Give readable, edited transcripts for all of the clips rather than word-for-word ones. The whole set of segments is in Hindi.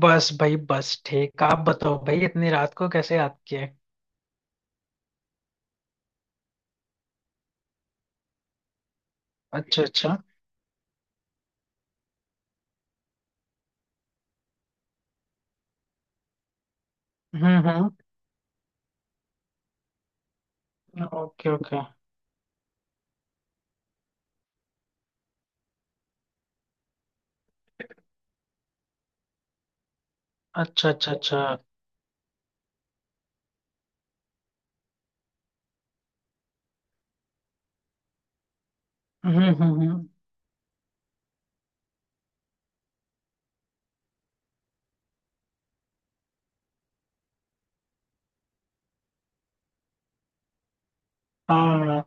बस भाई बस ठीक। आप बताओ भाई इतनी रात को कैसे याद किए? अच्छा अच्छा। हम्म। Okay okay. अच्छा अच्छा अच्छा। हम्म। हाँ।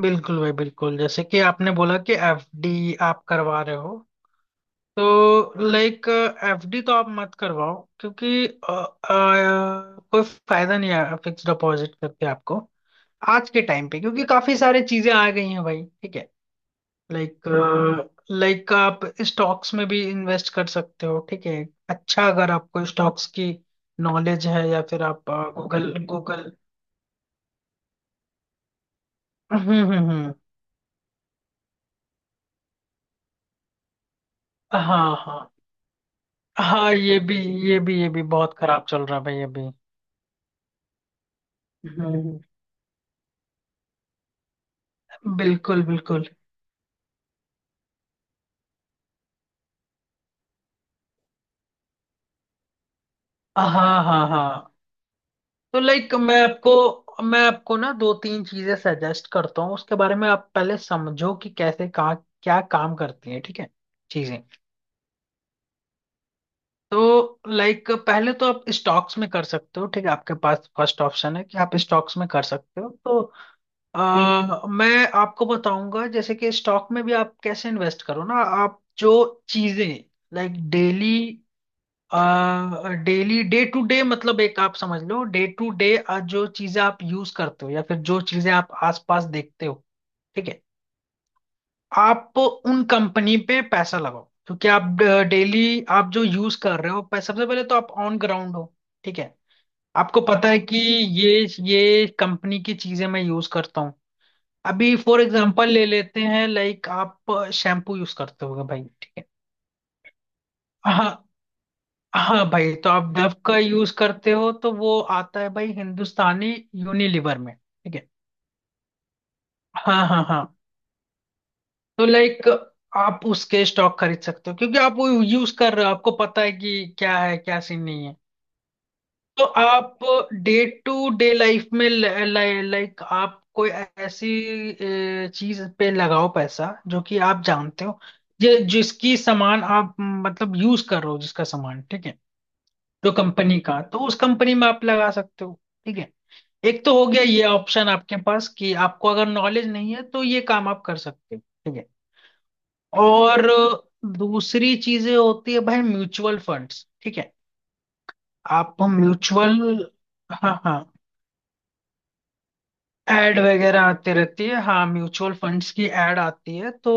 बिल्कुल भाई बिल्कुल। जैसे कि आपने बोला कि एफडी आप करवा रहे हो तो लाइक एफडी तो आप मत करवाओ क्योंकि कोई फायदा नहीं है फिक्स डिपॉजिट करके आपको आज के टाइम पे। क्योंकि काफी सारी चीजें आ गई हैं भाई। ठीक है। लाइक लाइक आप स्टॉक्स में भी इन्वेस्ट कर सकते हो। ठीक है। अच्छा अगर आपको स्टॉक्स की नॉलेज है या फिर आप गूगल गूगल। हम्म। हाँ हाँ हाँ ये भी। ये भी बहुत खराब चल रहा है भाई अभी। हम्म। बिल्कुल बिल्कुल। हाँ हाँ हाँ। तो लाइक मैं आपको ना दो तीन चीजें सजेस्ट करता हूँ उसके बारे में आप पहले समझो कि कैसे कहाँ क्या काम करती है। ठीक है। चीजें। तो लाइक पहले तो आप स्टॉक्स में कर सकते हो। ठीक है। आपके पास फर्स्ट ऑप्शन है कि आप स्टॉक्स में कर सकते हो। तो मैं आपको बताऊंगा जैसे कि स्टॉक में भी आप कैसे इन्वेस्ट करो ना। आप जो चीजें like daily daily day to day मतलब एक आप समझ लो डे टू डे जो चीजें आप यूज करते हो या फिर जो चीजें आप आसपास देखते हो। ठीक है। आप उन कंपनी पे पैसा लगाओ क्योंकि आप डेली आप जो यूज कर रहे हो सबसे पहले तो आप ऑन ग्राउंड हो। ठीक है। आपको पता है कि ये ये कंपनी की चीजें मैं यूज करता हूँ। अभी फॉर एग्जांपल ले लेते हैं। लाइक आप शैम्पू यूज करते होगे भाई। ठीक है। हाँ हाँ भाई तो आप डव का यूज करते हो तो वो आता है भाई हिंदुस्तानी यूनिलीवर में। ठीक है। हाँ हाँ हाँ। तो लाइक आप उसके स्टॉक खरीद सकते हो क्योंकि आप वो यूज कर रहे हो। आपको पता है कि क्या है क्या सीन नहीं है। तो आप डे टू डे लाइफ में लाइक आप कोई ऐसी चीज पे लगाओ पैसा जो कि आप जानते हो जिसकी सामान आप मतलब यूज कर रहे हो जिसका सामान। ठीक है। जो कंपनी का तो उस कंपनी में आप लगा सकते हो। ठीक है। एक तो हो गया ये ऑप्शन आपके पास कि आपको अगर नॉलेज नहीं है तो ये काम आप कर सकते हो। ठीक है। और दूसरी चीजें होती है भाई म्यूचुअल फंड्स। ठीक है। आप म्यूचुअल। हाँ हाँ एड वगैरह आती रहती है। हाँ म्यूचुअल फंड्स की एड आती है। तो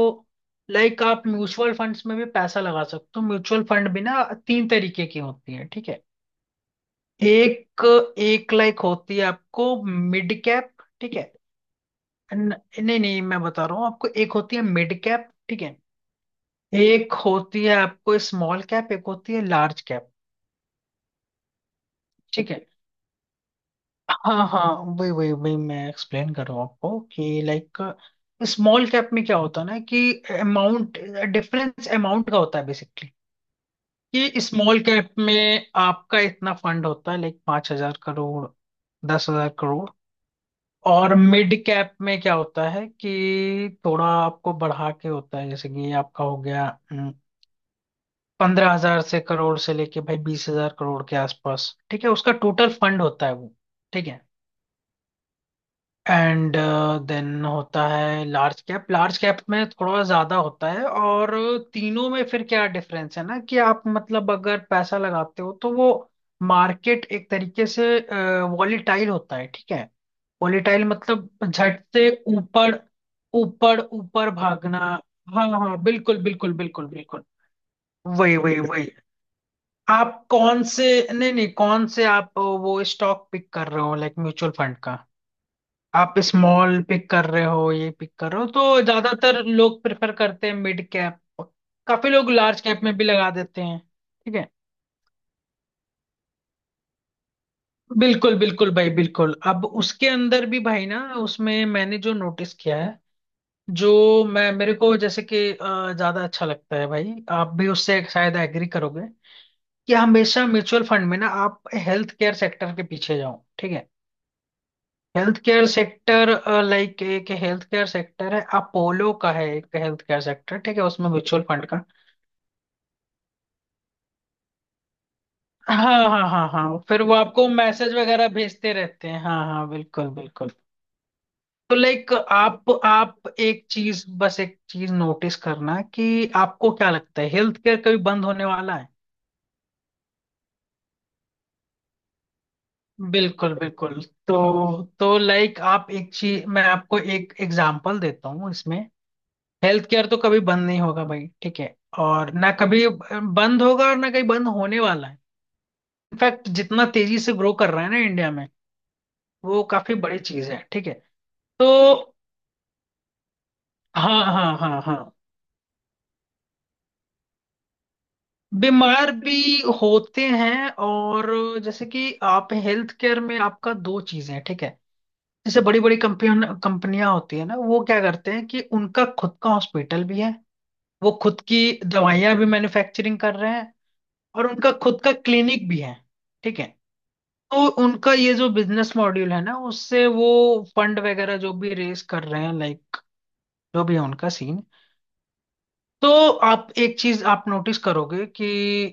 लाइक आप म्यूचुअल फंड्स में भी पैसा लगा सकते हो। म्यूचुअल फंड भी ना तीन तरीके की होती है। ठीक है। एक एक लाइक होती है आपको मिड कैप। ठीक है। नहीं नहीं मैं बता रहा हूँ आपको। एक होती है मिड कैप। ठीक है। एक होती है आपको स्मॉल कैप, एक होती है लार्ज कैप। ठीक है। हाँ हाँ। वही वही वही मैं एक्सप्लेन कर रहा हूँ आपको कि लाइक स्मॉल कैप में क्या होता है ना कि अमाउंट डिफरेंस अमाउंट का होता है बेसिकली। कि स्मॉल कैप में आपका इतना फंड होता है लाइक 5,000 करोड़, 10,000 करोड़। और मिड कैप में क्या होता है कि थोड़ा आपको बढ़ा के होता है जैसे कि आपका हो गया हम्म, 15,000 से करोड़ से लेके भाई 20,000 करोड़ के आसपास। ठीक है। उसका टोटल फंड होता है वो। ठीक है। एंड देन होता है लार्ज कैप। लार्ज कैप में थोड़ा ज्यादा होता है। और तीनों में फिर क्या डिफरेंस है ना कि आप मतलब अगर पैसा लगाते हो तो वो मार्केट एक तरीके से वॉलीटाइल होता है। ठीक है। वॉलीटाइल मतलब झट से ऊपर ऊपर ऊपर भागना। हाँ हाँ बिल्कुल बिल्कुल बिल्कुल बिल्कुल। वही वही वही आप कौन से। नहीं नहीं कौन से आप वो स्टॉक पिक कर रहे हो लाइक म्यूचुअल फंड का। आप स्मॉल पिक कर रहे हो ये पिक कर रहे हो तो ज्यादातर लोग प्रेफर करते हैं मिड कैप। काफी लोग लार्ज कैप में भी लगा देते हैं। ठीक है। बिल्कुल बिल्कुल भाई बिल्कुल। अब उसके अंदर भी भाई ना उसमें मैंने जो नोटिस किया है जो मैं मेरे को जैसे कि ज्यादा अच्छा लगता है भाई आप भी उससे शायद एग्री करोगे कि हमेशा म्यूचुअल फंड में ना आप हेल्थ केयर सेक्टर के पीछे जाओ। ठीक है। Health care sector. लाइक एक हेल्थ केयर सेक्टर है अपोलो का है, एक हेल्थ केयर सेक्टर। ठीक है। उसमें म्यूचुअल फंड का। हाँ हाँ हाँ हाँ फिर वो आपको मैसेज वगैरह भेजते रहते हैं। हाँ हाँ बिल्कुल बिल्कुल। तो लाइक आप एक चीज, बस एक चीज नोटिस करना कि आपको क्या लगता है हेल्थ केयर कभी बंद होने वाला है? बिल्कुल बिल्कुल। तो लाइक आप एक चीज, मैं आपको एक एग्जांपल देता हूँ इसमें। हेल्थ केयर तो कभी बंद नहीं होगा भाई। ठीक है। और ना कभी बंद होगा और ना कहीं बंद होने वाला है। इनफैक्ट जितना तेजी से ग्रो कर रहा है ना इंडिया में, वो काफी बड़ी चीज है। ठीक है। तो हाँ हाँ हाँ हाँ। बीमार भी होते हैं। और जैसे कि आप हेल्थ केयर में आपका दो चीजें हैं। ठीक है। जैसे बड़ी बड़ी कंपनियां कंपनियां होती है ना, वो क्या करते हैं कि उनका खुद का हॉस्पिटल भी है, वो खुद की दवाइयां भी मैन्युफैक्चरिंग कर रहे हैं, और उनका खुद का क्लिनिक भी है। ठीक है। तो उनका ये जो बिजनेस मॉड्यूल है ना, उससे वो फंड वगैरह जो भी रेस कर रहे हैं लाइक, जो भी है उनका सीन। तो आप एक चीज आप नोटिस करोगे कि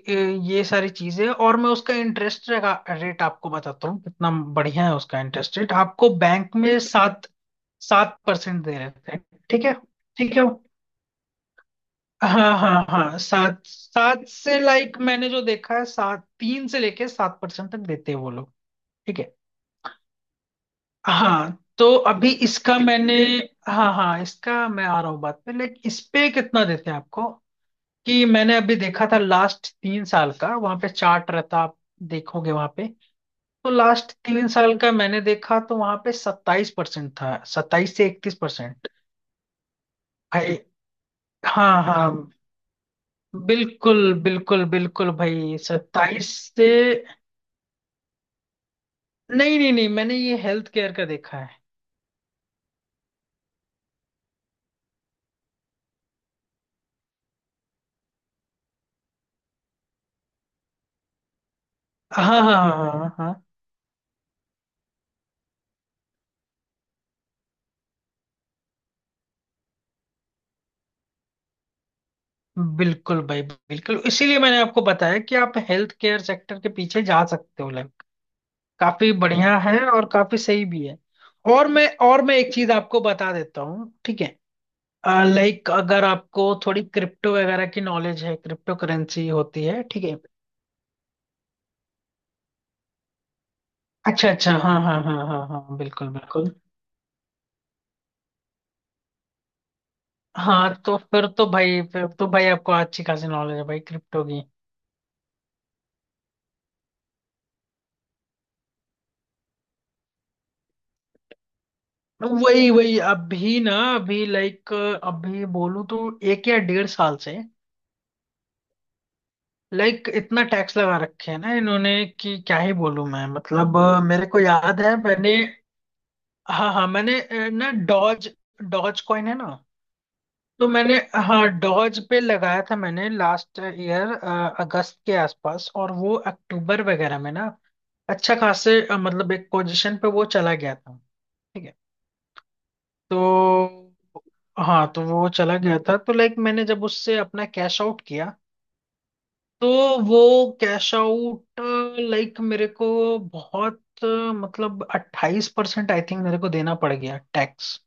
ये सारी चीजें। और मैं उसका इंटरेस्ट रेट आपको बताता हूँ कितना बढ़िया है। उसका इंटरेस्ट रेट आपको बैंक में सात सात परसेंट दे रहे थे। ठीक है। ठीक है। हाँ हाँ हाँ सात सात से लाइक मैंने जो देखा है सात तीन से लेके सात परसेंट तक देते हैं वो लोग। ठीक है। हाँ तो अभी इसका मैंने। हाँ हाँ इसका मैं आ रहा हूँ बात पे लाइक इस पे कितना देते हैं आपको, कि मैंने अभी देखा था लास्ट 3 साल का वहां पे चार्ट रहता आप देखोगे वहां पे। तो लास्ट 3 साल का मैंने देखा तो वहां पे 27% था, 27 से 31%। भाई हाँ हाँ बिल्कुल बिल्कुल बिल्कुल भाई सत्ताईस से। नहीं नहीं नहीं मैंने ये हेल्थ केयर का देखा है। हाँ हाँ हाँ हाँ हाँ हाँ। बिल्कुल भाई बिल्कुल। इसीलिए मैंने आपको बताया कि आप हेल्थ केयर सेक्टर के पीछे जा सकते हो लाइक, काफी बढ़िया है और काफी सही भी है। और मैं एक चीज आपको बता देता हूँ। ठीक है। लाइक अगर आपको थोड़ी क्रिप्टो वगैरह की नॉलेज है, क्रिप्टो करेंसी होती है। ठीक है। अच्छा अच्छा हाँ हाँ हाँ हाँ हाँ बिल्कुल बिल्कुल। हाँ तो फिर तो भाई आपको अच्छी खासी नॉलेज है भाई क्रिप्टो की। वही वही अभी ना अभी लाइक अभी बोलूं तो 1 या 1.5 साल से लाइक इतना टैक्स लगा रखे हैं ना इन्होंने कि क्या ही बोलूं मैं। मतलब मेरे को याद है मैंने। हाँ हाँ मैंने अ, ना डॉज डॉज कॉइन है ना। तो मैंने हाँ डॉज पे लगाया था मैंने लास्ट ईयर अगस्त के आसपास, और वो अक्टूबर वगैरह में ना अच्छा खासे मतलब एक पोजीशन पे वो चला गया था। ठीक है। तो हाँ तो वो चला गया था तो लाइक मैंने जब उससे अपना कैश आउट किया तो वो कैश आउट लाइक मेरे को बहुत मतलब 28% आई थिंक मेरे को देना पड़ गया टैक्स।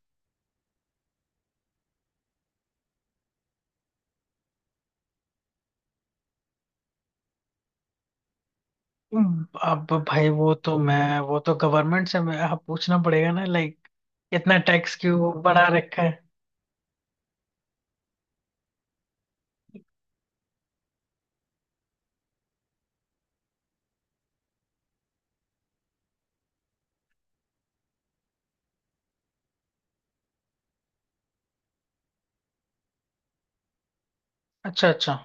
अब भाई वो तो मैं वो तो गवर्नमेंट से मैं हाँ, पूछना पड़ेगा ना लाइक इतना टैक्स क्यों बढ़ा रखा है। अच्छा अच्छा।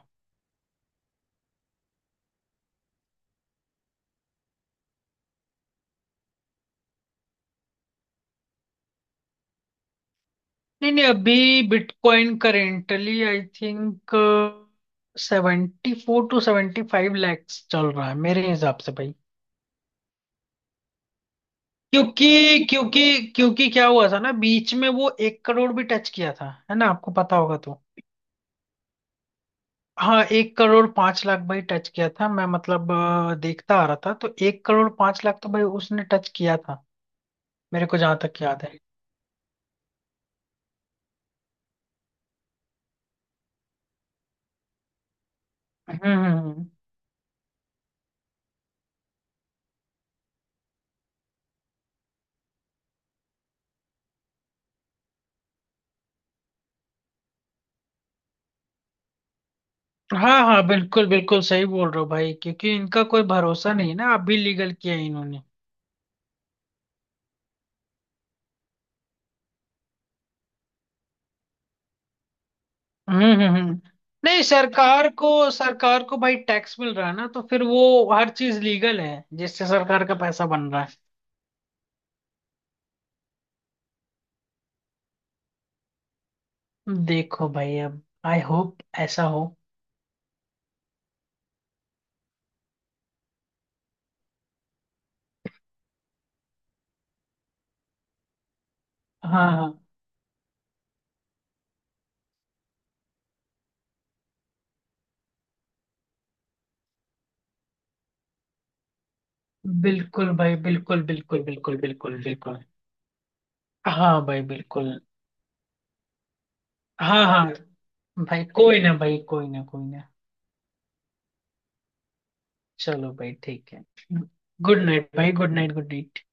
नहीं नहीं अभी bitcoin currently I think 74-75 lakh चल रहा है मेरे हिसाब से भाई। क्योंकि क्योंकि क्योंकि क्या हुआ था ना बीच में वो 1 करोड़ भी टच किया था है ना, आपको पता होगा। तो हाँ 1 करोड़ 5 लाख भाई टच किया था। मैं मतलब देखता आ रहा था तो 1 करोड़ 5 लाख तो भाई उसने टच किया था मेरे को जहां तक याद है। हम्म। हाँ हाँ बिल्कुल बिल्कुल सही बोल रहे हो भाई क्योंकि इनका कोई भरोसा नहीं है ना। अभी लीगल किया है इन्होंने। हम्म हम्म हम्म। नहीं सरकार को सरकार को भाई टैक्स मिल रहा है ना तो फिर वो हर चीज लीगल है जिससे सरकार का पैसा बन रहा है। देखो भाई अब आई होप ऐसा हो। हाँ हाँ बिल्कुल भाई बिल्कुल बिल्कुल बिल्कुल बिल्कुल बिल्कुल। हाँ भाई बिल्कुल। हाँ हाँ भाई कोई ना कोई ना। चलो भाई ठीक है। गुड नाइट भाई गुड नाइट गुड नाइट।